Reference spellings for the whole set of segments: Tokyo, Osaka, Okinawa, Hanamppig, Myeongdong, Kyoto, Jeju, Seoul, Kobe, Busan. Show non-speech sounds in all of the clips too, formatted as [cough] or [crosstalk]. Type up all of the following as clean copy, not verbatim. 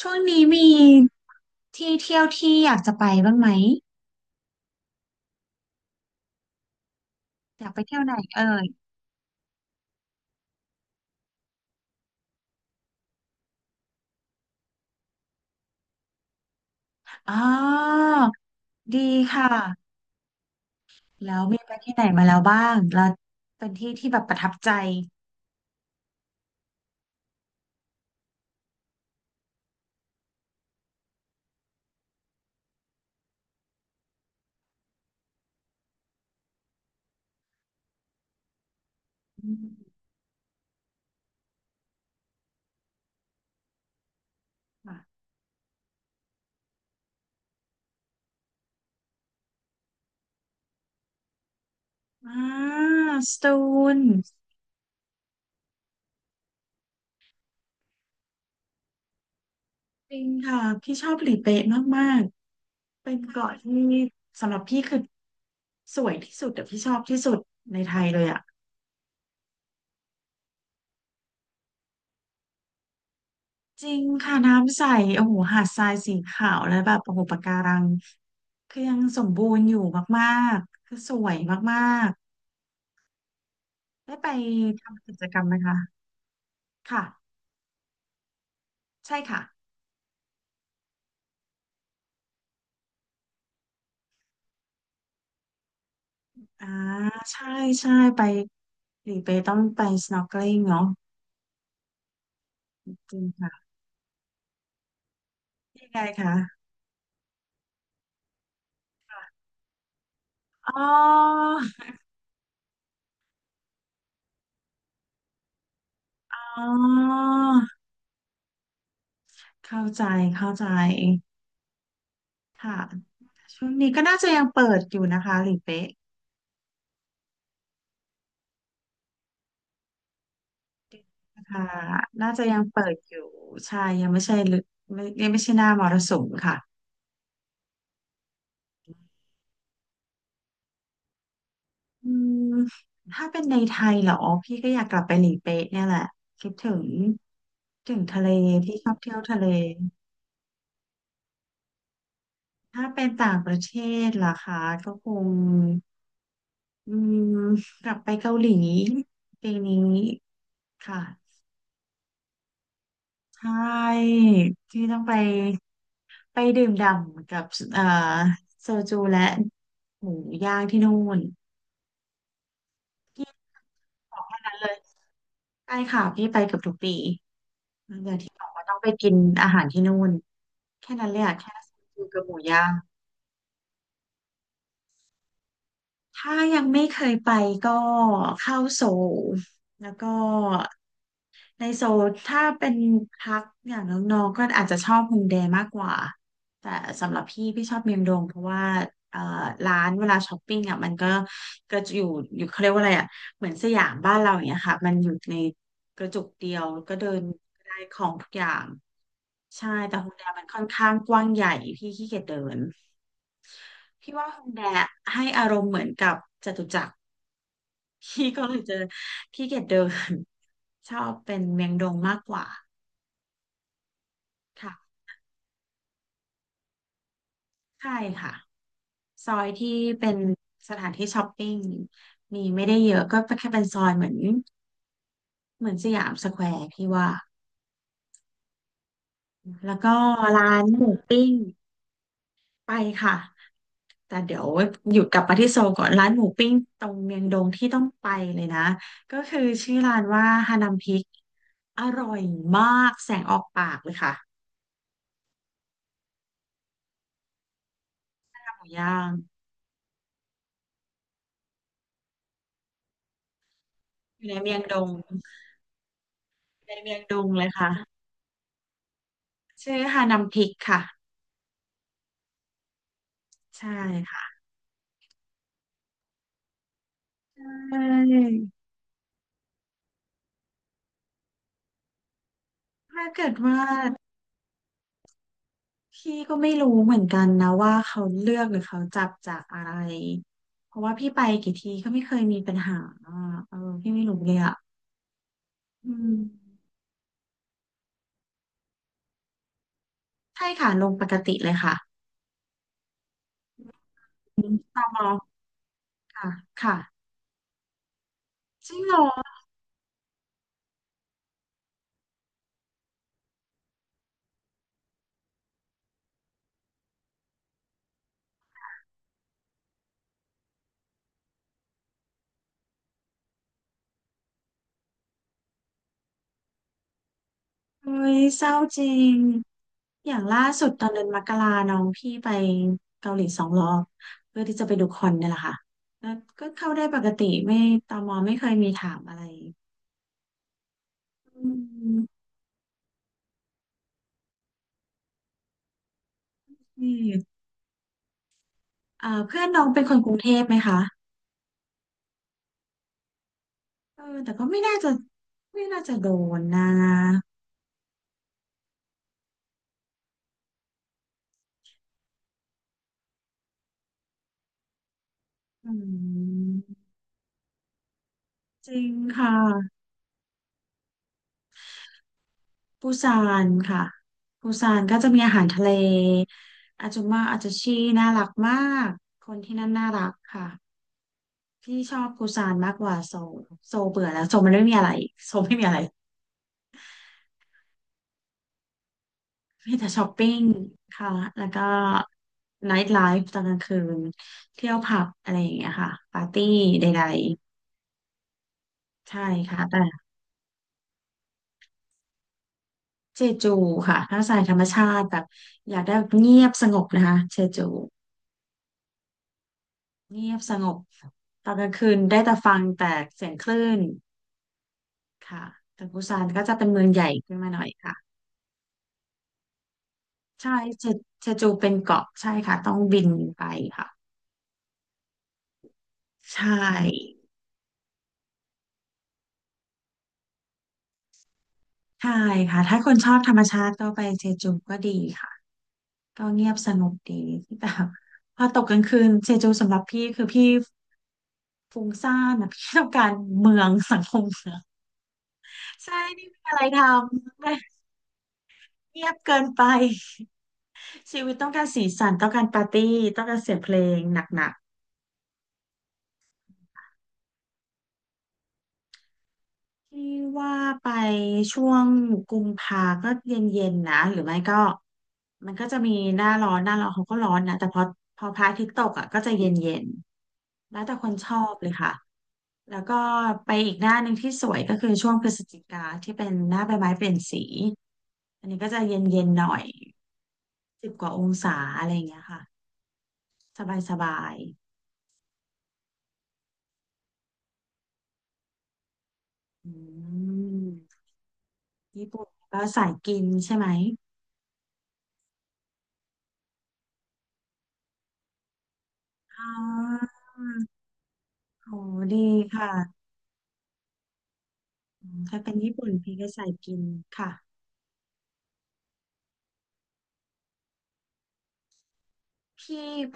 ช่วงนี้มีที่เที่ยวที่อยากจะไปบ้างไหมอยากไปเที่ยวไหนเอ่ยอ๋อดีค่ะแล้วมีไปที่ไหนมาแล้วบ้างแล้วเป็นที่ที่แบบประทับใจอืมค่ะอ่าสตูลจริงค่ะพี่ชอบหลีเป๊ะมากๆเป็นเกาะที่สำหรับพี่คือสวยที่สุดแต่พี่ชอบที่สุดในไทยเลยอ่ะ จริงค่ะน้ำใสโอ้โหหาดทรายสีขาวแล้วแบบโอ้โหปะการังคือยังสมบูรณ์อยู่มากๆคือสวยมากๆได้ไปทำกิจกรรมไหมคะค่ะใช่ค่ะอ่าใช่ใช่ไปหรือไปต้องไป snorkeling เนาะจริงค่ะยังไงคะอ๋ออ๋อเข้าใจเข้าใจค่ะช่วงนี้ก็น่าจะยังเปิดอยู่นะคะหรือเป๊ะ ค่ะน่าจะยังเปิดอยู่ ใช่ ยังไม่ใช่ฤไม่ยังไม่ใช่หน้ามรสุมค่ะอืมถ้าเป็นในไทยเหรอ พี่ก็อยากกลับไปหลีเป๊ะเนี่ยแหละ คิดถึงถึงทะเลพี่ชอบเที่ยวทะเล ถ้าเป็นต่างประเทศล่ะคะก็คงอืมกลับไปเกาหลีปีนี้ค่ะ ใช่ที่ต้องไปไปดื่มด่ำกับเอ่อโซจูและหมูย่างที่นู่น บอกแค่นั้นเลยใช่ค่ะพี่ไปเกือบทุกปีขอต้องไปกินอาหารที่นู่นแค่นั้นเลยอะแค่ซู้ดกับหมูย่างถ้ายังไม่เคยไปก็เข้าโซลแล้วก็ ในโซนถ้าเป็นพักอย่างน้องๆก็อาจจะชอบโฮมเดย์มากกว่าแต่สำหรับพี่พี่ชอบเมียงดงเพราะว่าเอ่อร้านเวลาช้อปปิ้งอ่ะมันก็กระจุอยู่อยู่เขาเรียกว่าอะไรอ่ะเหมือนสยามบ้านเราอย่างเงี้ยค่ะมันอยู่ในกระจุกเดียวก็เดินได้ของทุกอย่างใช่แต่โฮมเดย์มันค่อนข้างกว้างใหญ่พี่ขี้เกียจเดิน พี่ว่าฮอนด้าให้อารมณ์เหมือนกับจตุจักร [laughs] พี่ก็เลยเจอขี้เกียจเดินชอบเป็นเมียงดงมากกว่าค่ะใช่ค่ะซอยที่เป็นสถานที่ช้อปปิ้งมีไม่ได้เยอะก็แค่เป็นซอยเหมือนเหมือนสยามสแควร์พี่ว่าแล้วก็ร้านหมูปิ้งไปค่ะแต่เดี๋ยวหยุดกลับมาที่โซลก่อนร้านหมูปิ้งตรงเมียงดงที่ต้องไปเลยนะก็คือชื่อร้านว่าฮานัมพิก อร่อยมากแสงออกปากเลยค่ะหมูย่างอยู่ในเมียงดงในเมียงดงเลยค่ะชื่อฮานัมพริกค่ะใช่ค่ะใช่ถ้าเกิดว่าพี่ก็ไม่รู้เหมือนกันนะว่าเขาเลือกหรือเขาจับจากอะไรเพราะว่าพี่ไปกี่ทีก็ไม่เคยมีปัญหาอ่ะเออพี่ไม่รู้เลยอ่ะอืมใช่ค่ะลงปกติเลยค่ะอืมตามอค่ะค่ะจริงเหรอ เฮ้ยเศร้าจริงอย่างล่าสุดตอนเดือนมกราน้องพี่ไปเกาหลีสองรอบเพื่อที่จะไปดูคอนเนี่ยแหละค่ะแล้วก็เข้าได้ปกติไม่ตมไม่เคยมีถามอะไรอืมนี่อ่าเพื่อนน้องเป็นคนกรุงเทพไหมคะเออแต่ก็ไม่น่าจะไม่น่าจะโดนนะอืมจริงค่ะปูซานค่ะปูซานก็จะมีอาหารทะเลอาจุมาอาจจะชีน่ารักมากคนที่นั่นน่ารักค่ะ พี่ชอบปูซานมากกว่าโซลโซลเบื่อแล้วโซลมันไม่มีอะไรโซลไม่มีอะไรมีแต่ช้อปปิ้งค่ะแล้วก็ไนท์ไลฟ์ตอนกลางคืนเที่ยวผับอะไรอย่างเงี้ยค่ะปาร์ตี้ใดๆใช่ค่ะแต่เจจูค่ะถ้าสายธรรมชาติแบบอยากได้แบบเงียบสงบนะคะเจจูเงียบสงบตอนกลางคืนได้แต่ฟังแต่เสียงคลื่นค่ะแต่ปูซานก็จะเป็นเมืองใหญ่ขึ้นมาหน่อยค่ะใช่เชเชจูเป็นเกาะใช่ค่ะต้องบินไปค่ะ ใช่ใช่ค่ะถ้าคนชอบธรรมชาติก็ไปเจจูก็ดีค่ะก็เงียบสงบดีแต่พอตกกลางคืนเจจูสำหรับพี่คือพี่ฟุ้งซ่านนะพี่ต้องการเมืองสังคมเมืองใช่ไม่มีอะไรทำเงียบเกินไปชีวิตต้องการสีสันต้องการปาร์ตี้ต้องการเสียงเพลงหนักๆ ที่ว่าไปช่วงกุมภาก็เย็นๆนะหรือไม่ก็มันก็จะมีหน้าร้อนหน้าร้อนเขาก็ร้อนนะแต่พอพระอาทิตย์ตกอ่ะก็จะเย็นๆแล้วแต่คนชอบเลยค่ะแล้วก็ไปอีกหน้าหนึ่งที่สวยก็คือช่วงพฤศจิกาที่เป็นหน้าใบไม้เปลี่ยนสีอันนี้ก็จะเย็นๆหน่อย10 กว่าองศาอะไรอย่างเงี้ยค่ะสบายๆอืมญี่ปุ่นก็สายกินใช่ไหมอ๋อ โอ้ดีค่ะอืมถ้าเป็นญี่ปุ่นพี่ก็ใส่กินค่ะ พี่ไป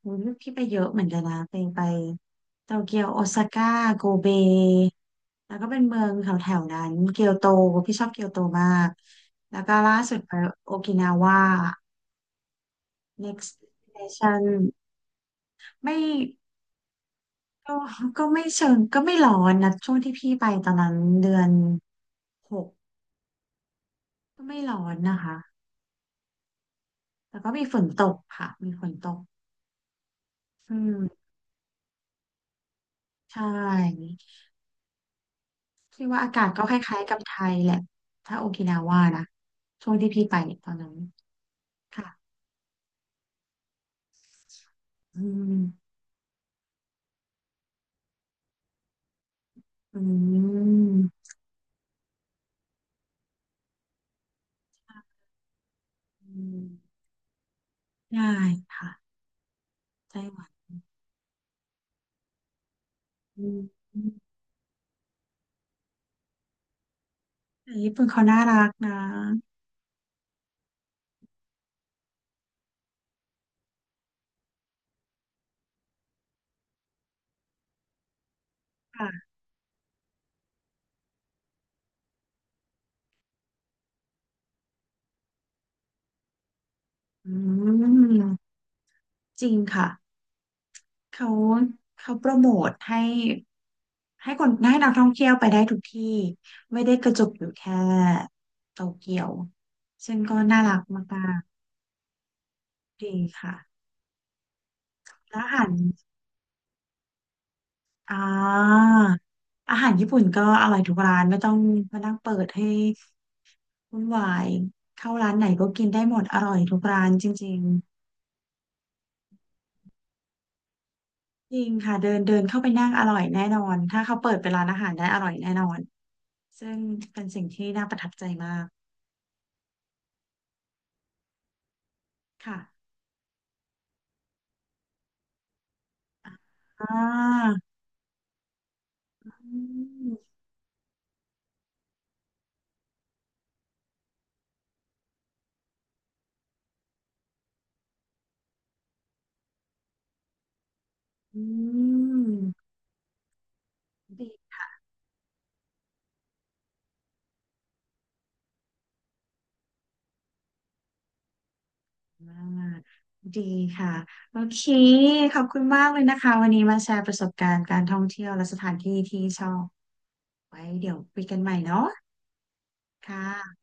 โอ้ยพี่ไปเยอะเหมือนกันนะไปไปโตเกียวโอซาก้าโกเบแล้วก็เป็นเมืองแถวแถวนั้นเกียวโตพี่ชอบเกียวโตมาก แล้วก็ล่าสุดไปโอกินาว่า next destination ไม่ก็ก็ไม่เชิงก็ไม่ร้อนนะช่วงที่พี่ไปตอนนั้นเดือนหกก็ไม่ร้อนนะคะแต่ก็มีฝนตกค่ะมีฝนตกอืม ใช่พี่ว่าอากาศก็คล้ายๆกับไทยแหละถ้าโอกินาว่านะช่วงที่พี่ไปเนี่ยตอนนั้นค่ะอืมอืมอืมได้ค่ะไต้หวันอืมอืมแต่ญี่ปุ่นเขาน่ารักนะค่ะอืมจริงค่ะเขาเขาโปรโมทให้คนให้นักท่องเที่ยวไปได้ทุกที่ไม่ได้กระจุกอยู่แค่โตเกียวซึ่งก็น่ารักมากๆดีค่ะแล้วอาหาร อ่าอาหารญี่ปุ่นก็อร่อยทุกร้านไม่ต้องมานั่งเปิดให้วุ่นวายเข้าร้านไหนก็กินได้หมดอร่อยทุกร้านจริงๆจริงค่ะเดินเดินเข้าไปนั่งอร่อยแน่นอนถ้าเขาเปิดเป็นร้านอาหารได้อร่อยแน่นอนซึ่งเป็นสิ่งที่น่าประทับใจมากค่ะอ่าอืมอืมดีมากดีค่ะโอเคขอบคุณมากเลยนะคะวันนี้มาแชร์ประสบการณ์การท่องเที่ยวและสถานที่ที่ชอบ ไว้เดี๋ยวคุยกันใหม่เนาะค่ะ